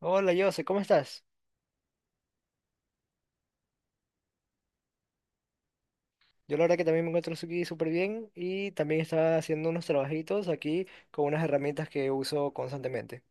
Hola, Jose, ¿cómo estás? Yo la verdad que también me encuentro aquí súper bien y también estaba haciendo unos trabajitos aquí con unas herramientas que uso constantemente.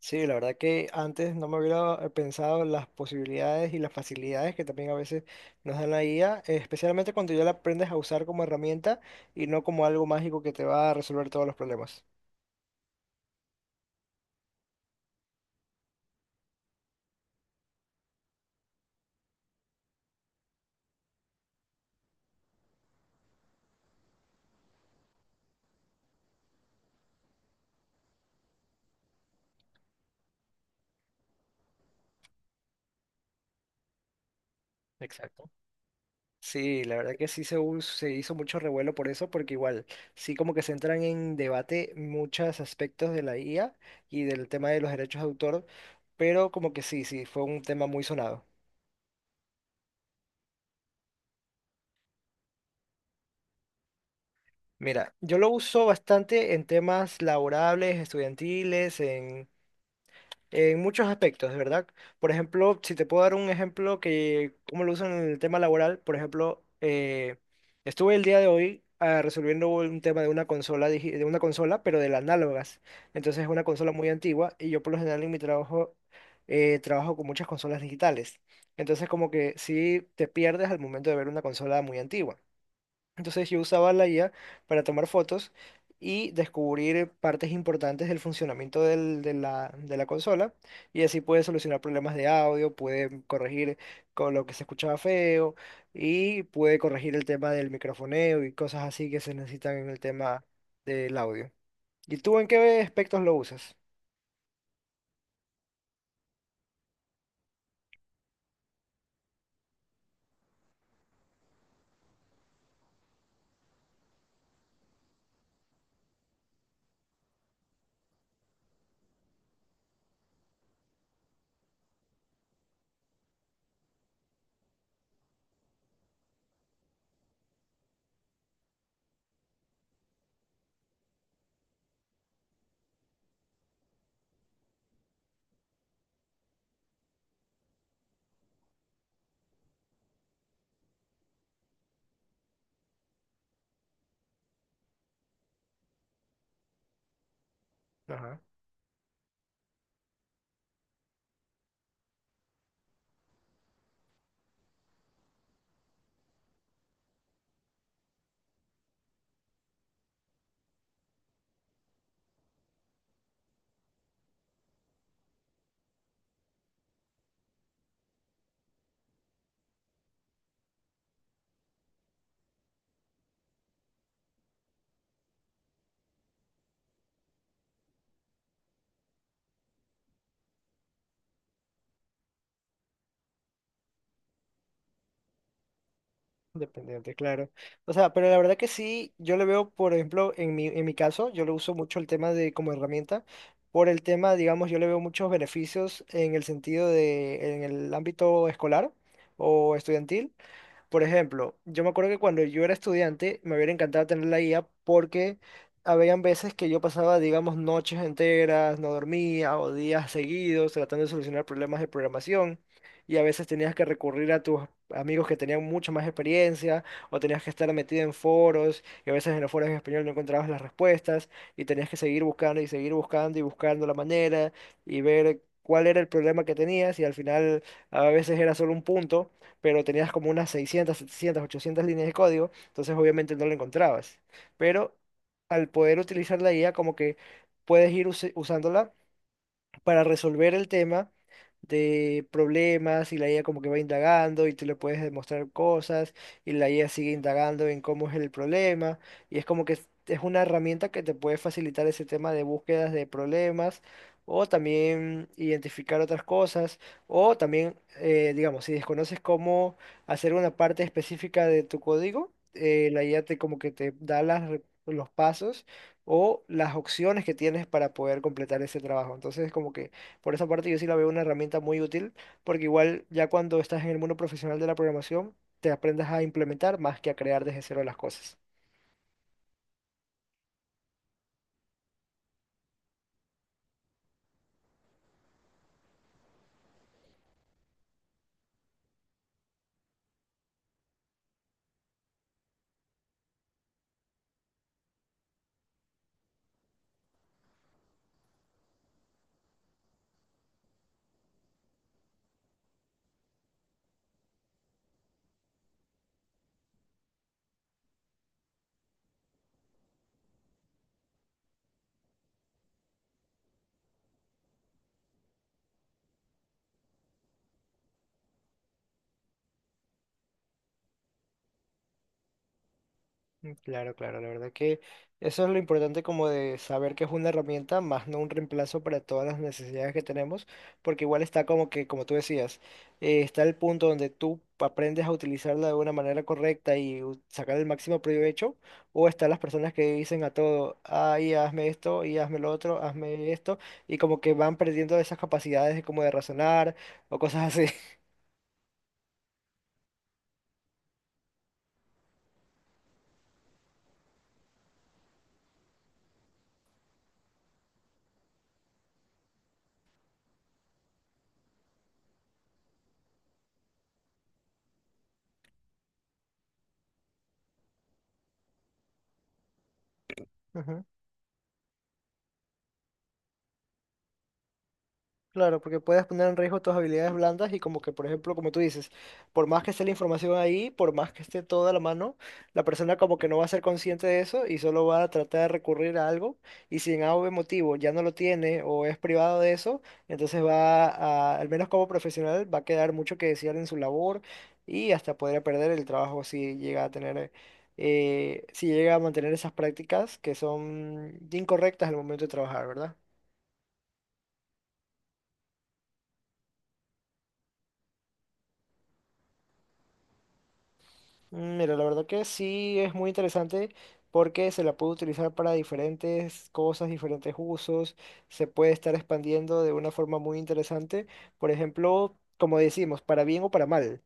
Sí, la verdad que antes no me hubiera pensado las posibilidades y las facilidades que también a veces nos dan la IA, especialmente cuando ya la aprendes a usar como herramienta y no como algo mágico que te va a resolver todos los problemas. Exacto. Sí, la verdad que se hizo mucho revuelo por eso, porque igual sí como que se entran en debate muchos aspectos de la IA y del tema de los derechos de autor, pero como que sí, fue un tema muy sonado. Mira, yo lo uso bastante en temas laborables, estudiantiles, en muchos aspectos, de verdad. Por ejemplo, si te puedo dar un ejemplo que, cómo lo usan en el tema laboral, por ejemplo, estuve el día de hoy resolviendo un tema de una consola, pero de las análogas. Entonces es una consola muy antigua y yo por lo general en mi trabajo trabajo con muchas consolas digitales. Entonces como que sí te pierdes al momento de ver una consola muy antigua. Entonces yo usaba la IA para tomar fotos y descubrir partes importantes del funcionamiento de la consola y así puede solucionar problemas de audio, puede corregir con lo que se escuchaba feo y puede corregir el tema del microfoneo y cosas así que se necesitan en el tema del audio. ¿Y tú en qué aspectos lo usas? Ajá. Dependiente, claro. O sea, pero la verdad que sí, yo le veo, por ejemplo, en mi caso, yo lo uso mucho el tema de como herramienta, por el tema, digamos, yo le veo muchos beneficios en el sentido de, en el ámbito escolar o estudiantil. Por ejemplo, yo me acuerdo que cuando yo era estudiante me hubiera encantado tener la guía porque habían veces que yo pasaba, digamos, noches enteras, no dormía o días seguidos tratando de solucionar problemas de programación y a veces tenías que recurrir a tus amigos que tenían mucha más experiencia o tenías que estar metido en foros y a veces en los foros en español no encontrabas las respuestas y tenías que seguir buscando y buscando la manera y ver cuál era el problema que tenías y al final a veces era solo un punto pero tenías como unas 600, 700, 800 líneas de código, entonces obviamente no lo encontrabas. Pero al poder utilizar la IA, como que puedes ir usándola para resolver el tema de problemas y la IA como que va indagando y tú le puedes demostrar cosas y la IA sigue indagando en cómo es el problema y es como que es una herramienta que te puede facilitar ese tema de búsquedas de problemas o también identificar otras cosas o también, digamos, si desconoces cómo hacer una parte específica de tu código, la IA te como que te da los pasos o las opciones que tienes para poder completar ese trabajo. Entonces, como que por esa parte yo sí la veo una herramienta muy útil, porque igual ya cuando estás en el mundo profesional de la programación, te aprendas a implementar más que a crear desde cero las cosas. Claro, claro, la verdad que eso es lo importante como de saber que es una herramienta, más no un reemplazo para todas las necesidades que tenemos, porque igual está como que, como tú decías, está el punto donde tú aprendes a utilizarla de una manera correcta y sacar el máximo provecho, o están las personas que dicen a todo, ay, hazme esto, y hazme lo otro, hazme esto, y como que van perdiendo esas capacidades de como de razonar o cosas así. Claro, porque puedes poner en riesgo tus habilidades blandas y como que, por ejemplo, como tú dices, por más que esté la información ahí, por más que esté toda a la mano, la persona como que no va a ser consciente de eso y solo va a tratar de recurrir a algo y si en A o B motivo ya no lo tiene o es privado de eso, entonces va a, al menos como profesional, va a quedar mucho que desear en su labor y hasta podría perder el trabajo si llega a tener, si llega a mantener esas prácticas que son incorrectas al momento de trabajar, ¿verdad? Mira, la verdad que sí es muy interesante porque se la puede utilizar para diferentes cosas, diferentes usos, se puede estar expandiendo de una forma muy interesante, por ejemplo, como decimos, para bien o para mal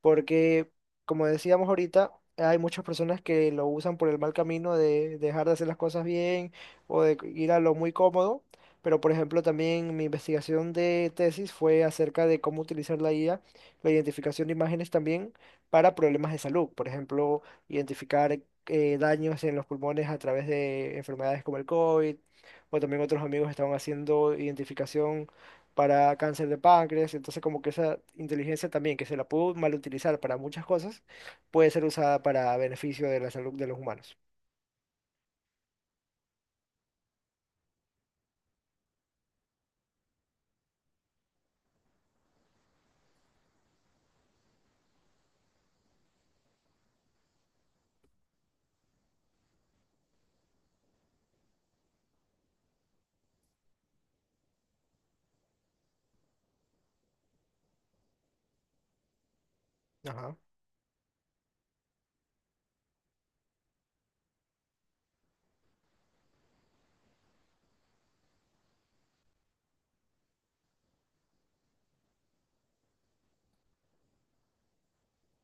porque, como decíamos ahorita, hay muchas personas que lo usan por el mal camino de dejar de hacer las cosas bien o de ir a lo muy cómodo. Pero, por ejemplo, también mi investigación de tesis fue acerca de cómo utilizar la IA, la identificación de imágenes también para problemas de salud. Por ejemplo, identificar daños en los pulmones a través de enfermedades como el COVID, o también otros amigos estaban haciendo identificación para cáncer de páncreas, entonces como que esa inteligencia también que se la pudo mal utilizar para muchas cosas, puede ser usada para beneficio de la salud de los humanos. Ajá.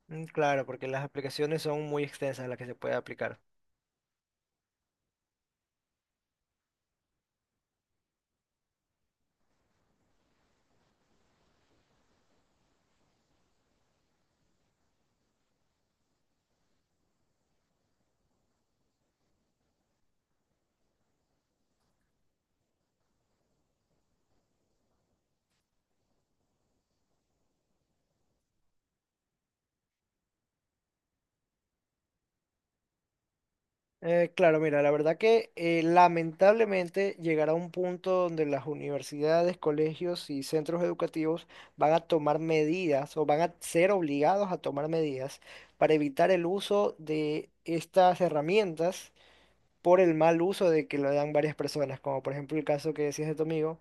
Claro, porque las aplicaciones son muy extensas las que se puede aplicar. Claro, mira, la verdad que lamentablemente llegará un punto donde las universidades, colegios y centros educativos van a tomar medidas o van a ser obligados a tomar medidas para evitar el uso de estas herramientas por el mal uso de que lo dan varias personas, como por ejemplo el caso que decías de tu amigo,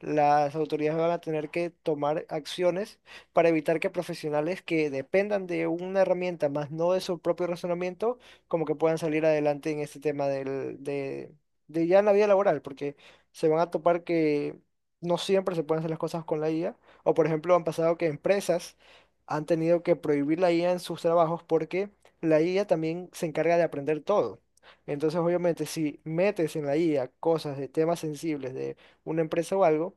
las autoridades van a tener que tomar acciones para evitar que profesionales que dependan de una herramienta, más no de su propio razonamiento, como que puedan salir adelante en este tema de ya en la vida laboral, porque se van a topar que no siempre se pueden hacer las cosas con la IA, o por ejemplo han pasado que empresas han tenido que prohibir la IA en sus trabajos porque la IA también se encarga de aprender todo. Entonces, obviamente, si metes en la IA cosas de temas sensibles de una empresa o algo,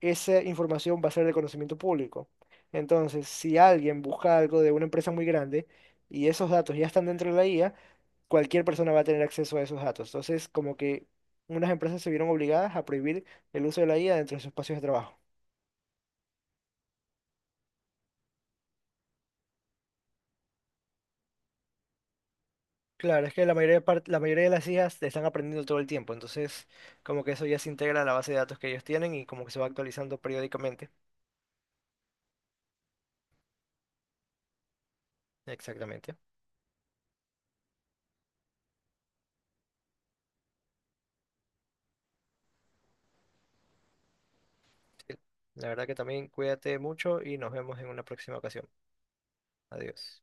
esa información va a ser de conocimiento público. Entonces, si alguien busca algo de una empresa muy grande y esos datos ya están dentro de la IA, cualquier persona va a tener acceso a esos datos. Entonces, como que unas empresas se vieron obligadas a prohibir el uso de la IA dentro de sus espacios de trabajo. Claro, es que la mayoría de las IAs te están aprendiendo todo el tiempo, entonces como que eso ya se integra a la base de datos que ellos tienen y como que se va actualizando periódicamente. Exactamente. La verdad que también cuídate mucho y nos vemos en una próxima ocasión. Adiós.